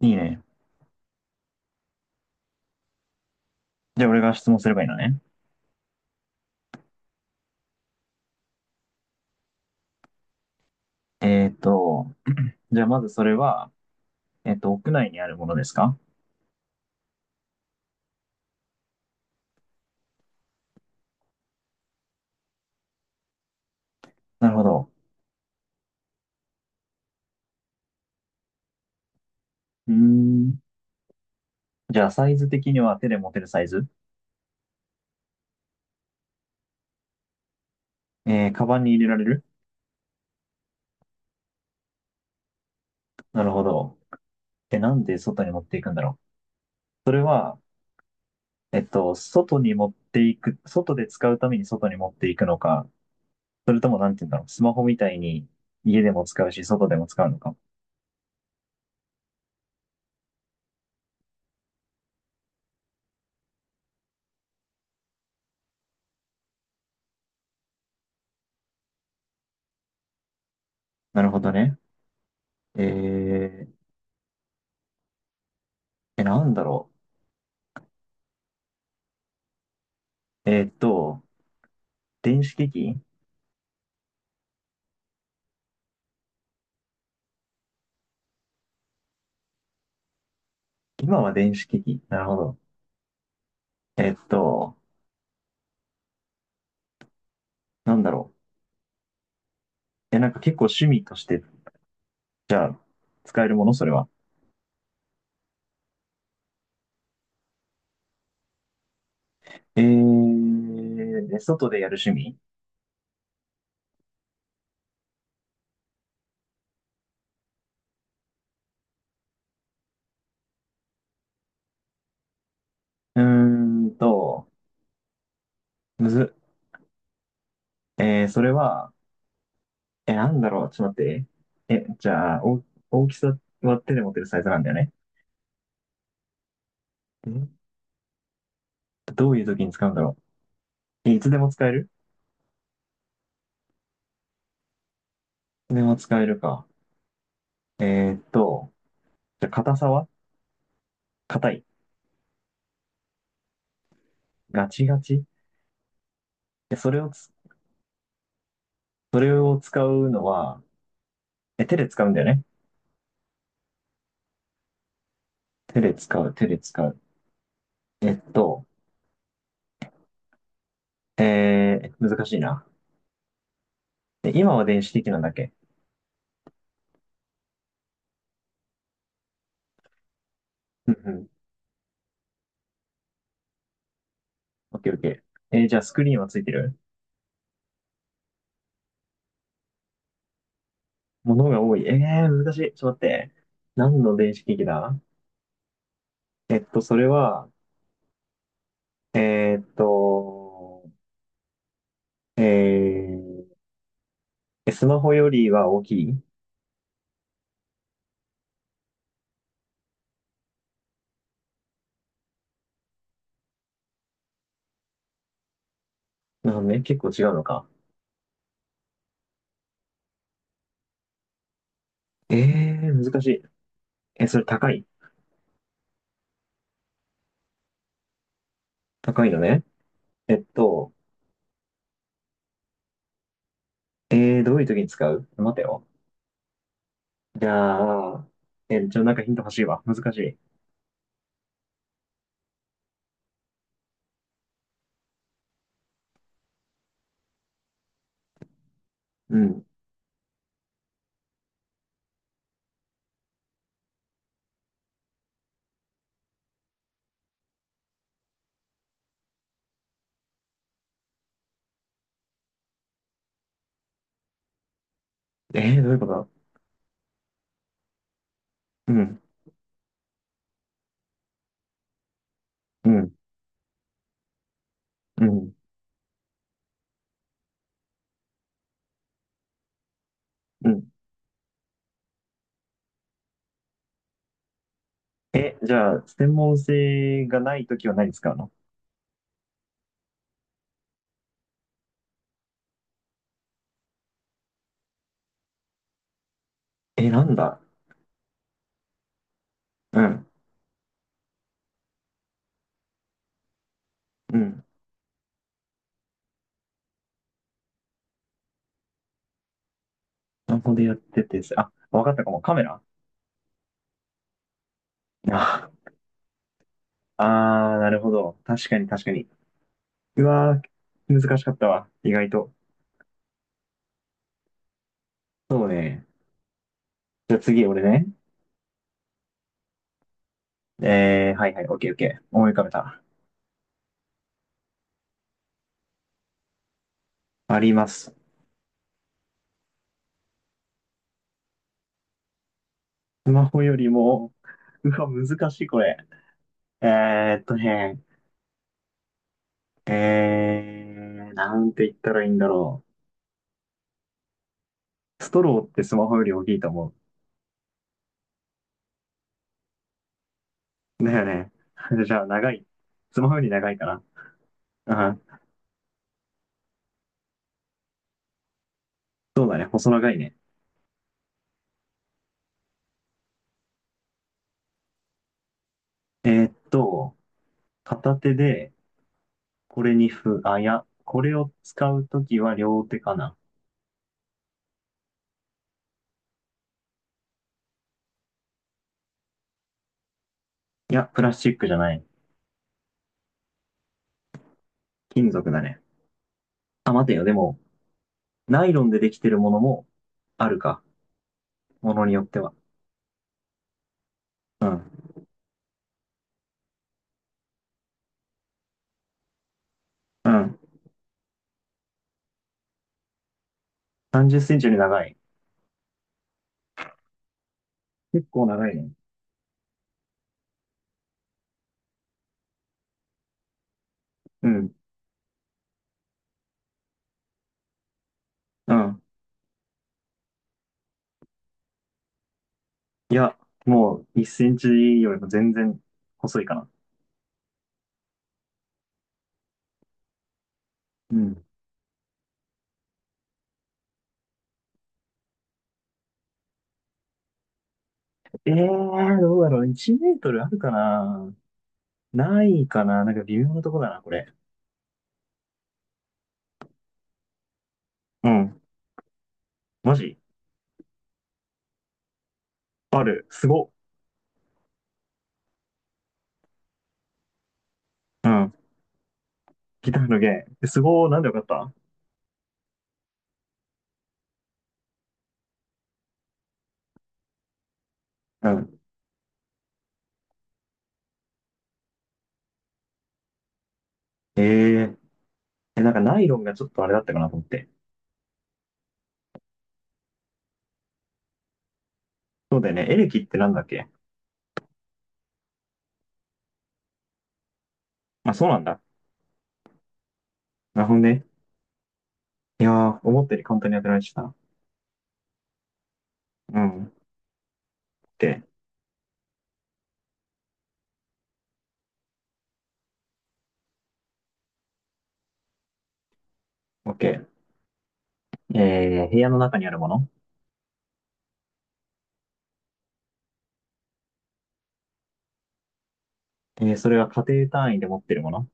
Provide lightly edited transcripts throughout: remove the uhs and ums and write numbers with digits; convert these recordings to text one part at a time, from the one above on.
いいね。じゃあ俺が質問すればいいのね。えーっと、じゃあまずそれは、屋内にあるものですか？なるほど。うーん。じゃあサイズ的には手で持てるサイズ？えー、カバンに入れられる？なるほど。え、なんで外に持っていくんだろう？それは、えっと、外に持っていく、外で使うために外に持っていくのか、それともなんて言うんだろう、スマホみたいに家でも使うし、外でも使うのか？なるほどね。えー、え、なんだろう。電子機器？今は電子機器。なるほど。えっと、なんだろう。え、なんか結構趣味として、じゃあ、使えるものそれは？えー、で外でやる趣味？うーんと、むず、えー、それは、え、なんだろう。ちょっと待って。え、じゃあ、お、大きさは手で持てるサイズなんだよね？んどういう時に使うんだろう。え、いつでも使える？いつでも使えるか。えーっと、じゃあ、硬さは硬い？ガチガチ。え、それをつ、それを使うのは、え、手で使うんだよね？手で使う、手で使う。えっと、えー、難しいな。え今は電子的なんだっけ？うんうん。オッケーオッケー。えー、じゃあスクリーンはついてる？ものが多い。えー、難しい。ちょっと待って。何の電子機器だ？えっと、それは、えーっと、えー、えスマホよりは大きい？なるほどね。結構違うのか。えー、難しい。え、それ高い？高いのね。えっと、えー、どういう時に使う待てよ。じゃあ、え、ちょ、なんかヒント欲しいわ。難しい。うん。えー、どういうことだ？うん、うん、うん、うん。え、じゃあ、専門性がないときは何使うの？え、なんだ？うん、うん。スマホでやってて、あ、わかったかも。カメラ？ああー、なるほど。確かに確かに。うわー、難しかったわ。意外と。そうね。じゃあ次、俺ね。えー、はいはい、オッケーオッケー。思い浮かべた。あります。スマホよりも、うわ、難しい、これ。ね、えー、なんて言ったらいいんだろう。ストローってスマホより大きいと思う。だよね。じゃあ、長い。スマホより長いかな。うん。そうだね。細長いね。えーっと、片手で、これにふ、あ、いや、これを使うときは両手かな。いや、プラスチックじゃない。金属だね。あ、待てよ。でも、ナイロンでできてるものもあるか。ものによっては。うん。うん。30センチより長い。結構長いね。うん。うん。いや、もう1センチよりも全然細いかな。うん。ええー、どうだろう。1メートルあるかな？ないかな、なんか微妙なとこだな、これ。うん。マジ？ある。すご。うん。ギターの弦。えすごー。なんでよかった？うん。えええ、なんかナイロンがちょっとあれだったかなと思って。そうだよね。エレキってなんだっけ？あ、そうなんだ。なるほどね。いやー、思ったより簡単に当てられてた。うん。で、OK。えー、部屋の中にあるもの。えー、それは家庭単位で持ってるもの？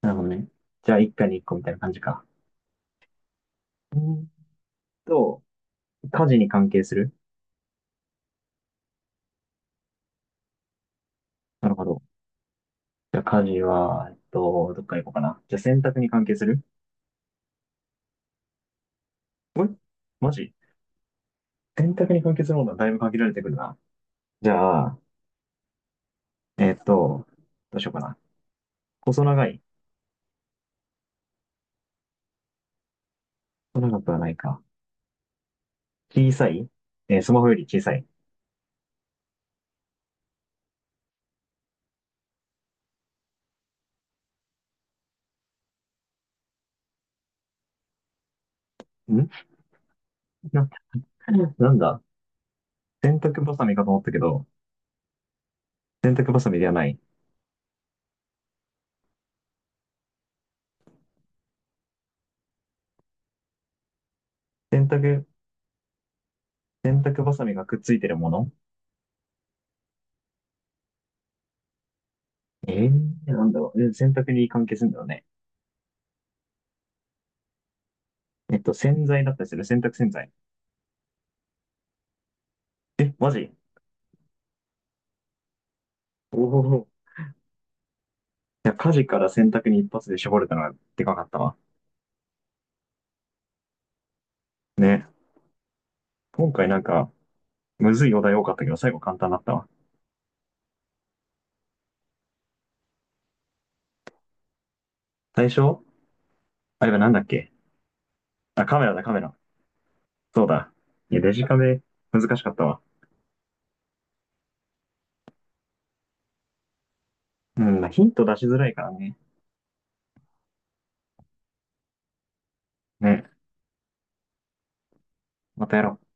なるほどね。じゃあ、一家に一個みたいな感じか。うーんと、家事に関係する？なるほど。じゃあ、家事は、えっと、どっから行こうかな。じゃあ、洗濯に関係する？えマジ？洗濯に関係するものはだいぶ限られてくるな。じゃあ、えっと、どうしようかな。細長い？細長くはないか。小さい？えースマホより小さい。んな、なんだ？洗濯バサミかと思ったけど、洗濯バサミではない。洗濯、洗濯バサミがくっついてるもの？えー、なんだろう。え洗濯に関係するんだよね？えっと、洗剤だったりする、洗濯洗剤。え、マジ？おおー、いや、家事から洗濯に一発で絞れたのがでかかったわ。ね。今回なんか、むずいお題多かったけど、最後簡単だったわ。最初あれはなんだっけ？あ、カメラだ、カメラ。そうだ。いや、デジカメ、難しかったわ。うん、ヒント出しづらいからね。ね。またやろう。